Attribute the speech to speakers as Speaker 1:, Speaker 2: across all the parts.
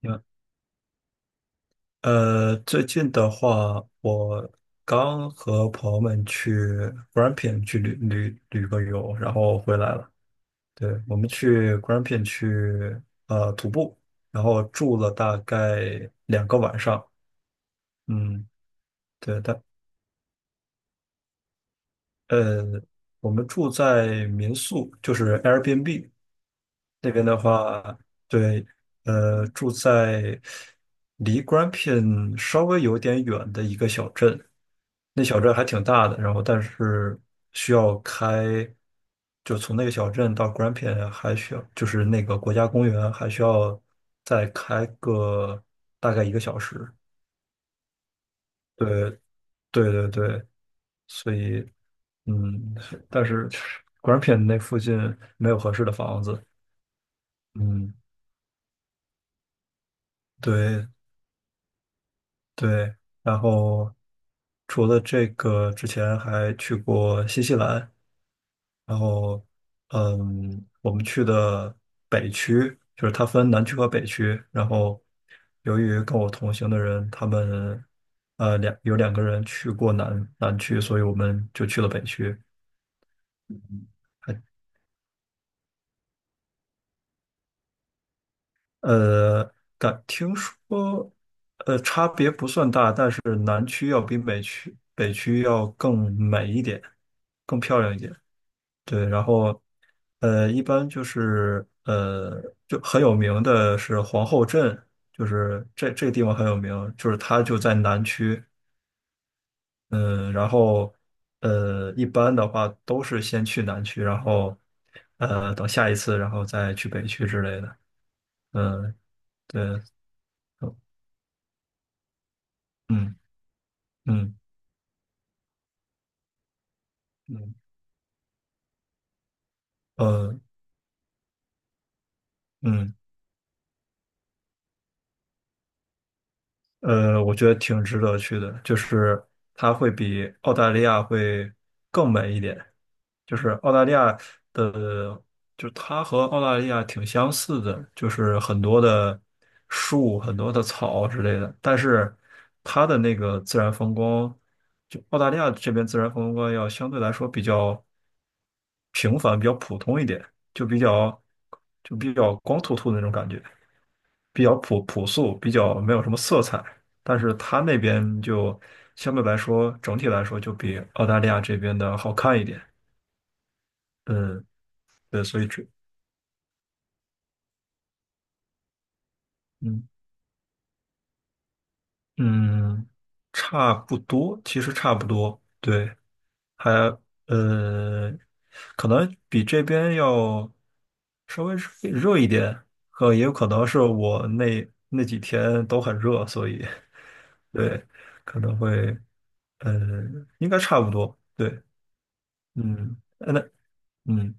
Speaker 1: 你们最近的话，我刚和朋友们去 Grampian 去旅个游，然后回来了。对，我们去 Grampian 去徒步，然后住了大概2个晚上。嗯，对，但呃，我们住在民宿，就是 Airbnb。那边的话，对，住在离 Grampian 稍微有点远的一个小镇，那小镇还挺大的，然后但是需要开，就从那个小镇到 Grampian 还需要，就是那个国家公园还需要再开个大概1个小时。对，对对对，所以嗯，但是 Grampian 那附近没有合适的房子，嗯。对，对，然后除了这个，之前还去过新西兰，然后我们去的北区，就是它分南区和北区，然后由于跟我同行的人，他们有两个人去过南区，所以我们就去了北区。呃，但听说，差别不算大，但是南区要比北区要更美一点，更漂亮一点。对，然后一般就是就很有名的是皇后镇，就是这个地方很有名，就是它就在南区，嗯，然后一般的话都是先去南区，然后等下一次，然后再去北区之类的，嗯，对，嗯嗯嗯呃嗯。嗯我觉得挺值得去的，就是它会比澳大利亚会更美一点。就是澳大利亚的，就是它和澳大利亚挺相似的，就是很多的树、很多的草之类的，但是它的那个自然风光，就澳大利亚这边自然风光要相对来说比较平凡、比较普通一点，就比较就比较光秃秃的那种感觉。比较朴素，比较没有什么色彩，但是它那边就相对来说，整体来说就比澳大利亚这边的好看一点。嗯，对，所以这，嗯嗯，差不多，其实差不多，对，还呃，可能比这边要稍微热一点，可也有可能是我那几天都很热，所以对，可能会，呃，应该差不多，对。嗯，那嗯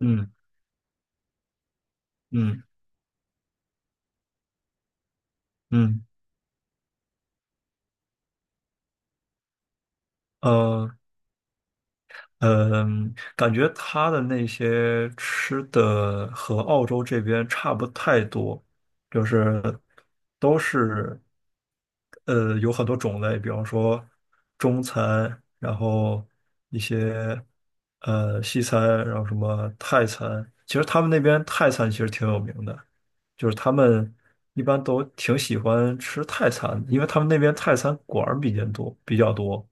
Speaker 1: 嗯嗯嗯，呃，嗯，感觉他的那些吃的和澳洲这边差不太多，就是都是有很多种类，比方说中餐，然后一些西餐，然后什么泰餐。其实他们那边泰餐其实挺有名的，就是他们一般都挺喜欢吃泰餐因为他们那边泰餐馆儿比较多，比较多。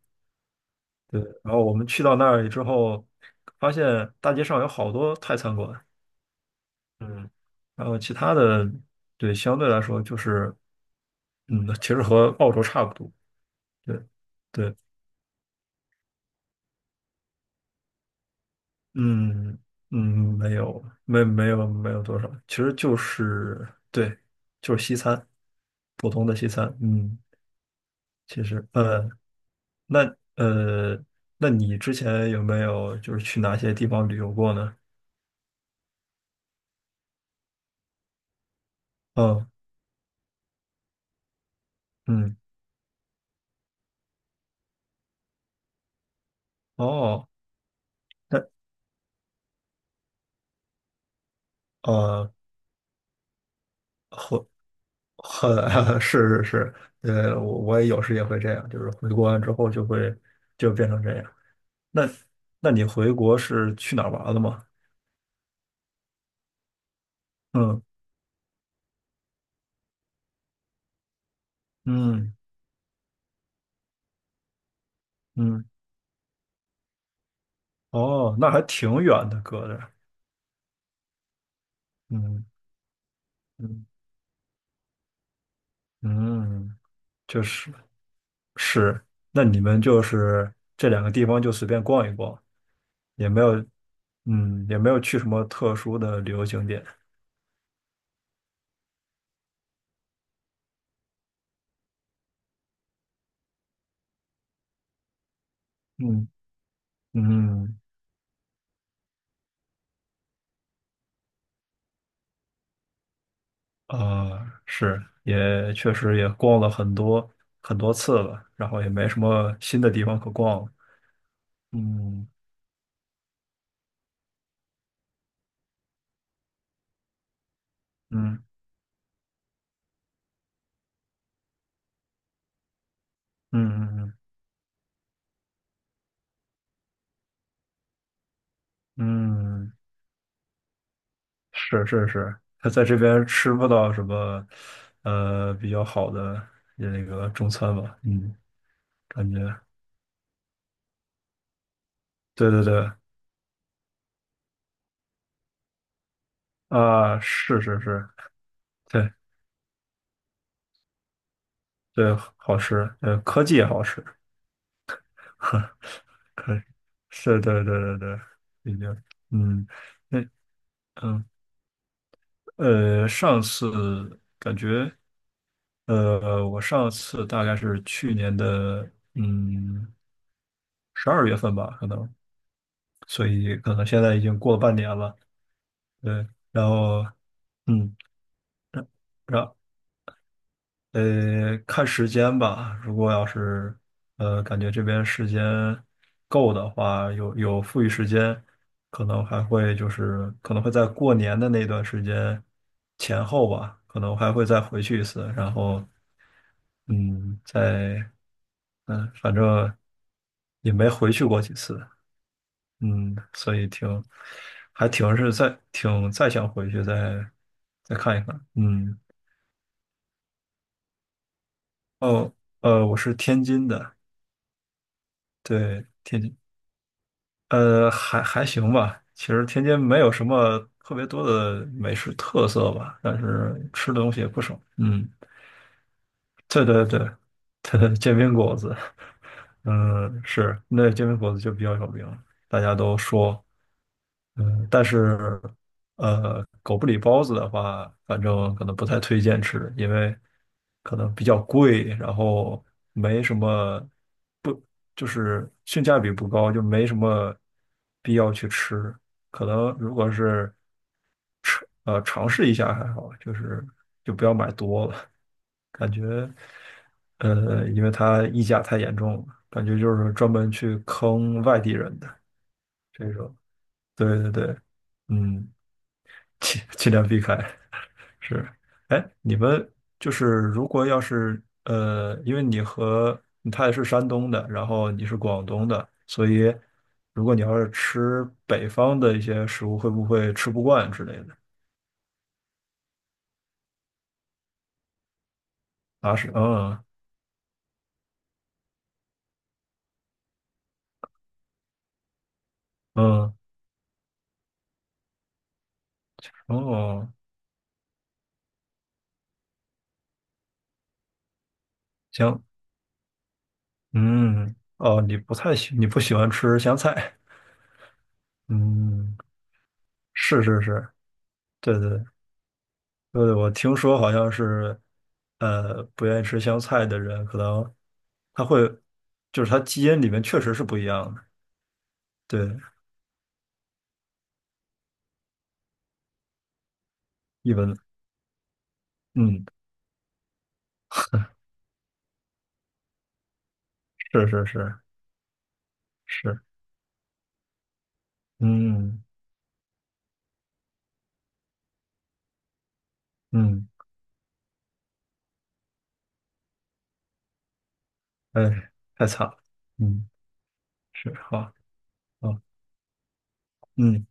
Speaker 1: 对，然后我们去到那里之后，发现大街上有好多泰餐馆，嗯然后其他的，对，相对来说就是，其实和澳洲差不多，对，对，嗯嗯，没有，没有多少，其实就是对，就是西餐，普通的西餐，其实，那呃，那你之前有没有就是去哪些地方旅游过呢？嗯嗯，哦。那。呃，会是是是，我也有时也会这样，就是回国完之后就会就变成这样。那那你回国是去哪儿玩了吗？嗯嗯嗯，哦，那还挺远的，隔着，嗯嗯嗯，就是是，那你们就是这两个地方就随便逛一逛，也没有也没有去什么特殊的旅游景点，嗯嗯。啊，是，也确实也逛了很多很多次了，然后也没什么新的地方可逛了。嗯嗯嗯嗯嗯，是是是，他在这边吃不到什么比较好的那个中餐吧？嗯，感觉对对对啊，是是是，对对，好吃，科技也好吃，呵，可以是，对对对对对，已经，嗯，那嗯。上次感觉，我上次大概是去年的，嗯，12月份吧，可能，所以可能现在已经过了半年了，对，然后，嗯，然。看时间吧。如果要是感觉这边时间够的话，有富裕时间，可能会在过年的那段时间前后吧，可能还会再回去一次。然后，嗯，在反正也没回去过几次，嗯，所以挺还挺是再挺再想回去再看一看，嗯，哦，我是天津的。对，天津，还行吧。其实天津没有什么特别多的美食特色吧，但是吃的东西也不少。嗯。对对对，对煎饼果子，嗯，是，那煎饼果子就比较有名，大家都说，嗯，但是，狗不理包子的话，反正可能不太推荐吃，因为可能比较贵，然后没什么，不，就是性价比不高，就没什么必要去吃。可能如果是尝试一下还好，就是就不要买多了，感觉，因为它溢价太严重了，感觉就是专门去坑外地人的这种。对对对，嗯，尽量避开。是，哎，你们就是如果要是因为你和他也是山东的，然后你是广东的，所以如果你要是吃北方的一些食物，会不会吃不惯之类的？啊，是，嗯嗯。哦，行，嗯，哦，你不喜欢吃香菜，嗯，是是是，对对对，对，我听说好像是，不愿意吃香菜的人，可能他会，就是他基因里面确实是不一样的，对，一闻，嗯，是是是是，嗯嗯，哎，太惨了，嗯，是，好，好，嗯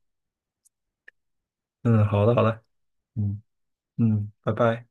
Speaker 1: 嗯，好的好的，嗯嗯，拜拜。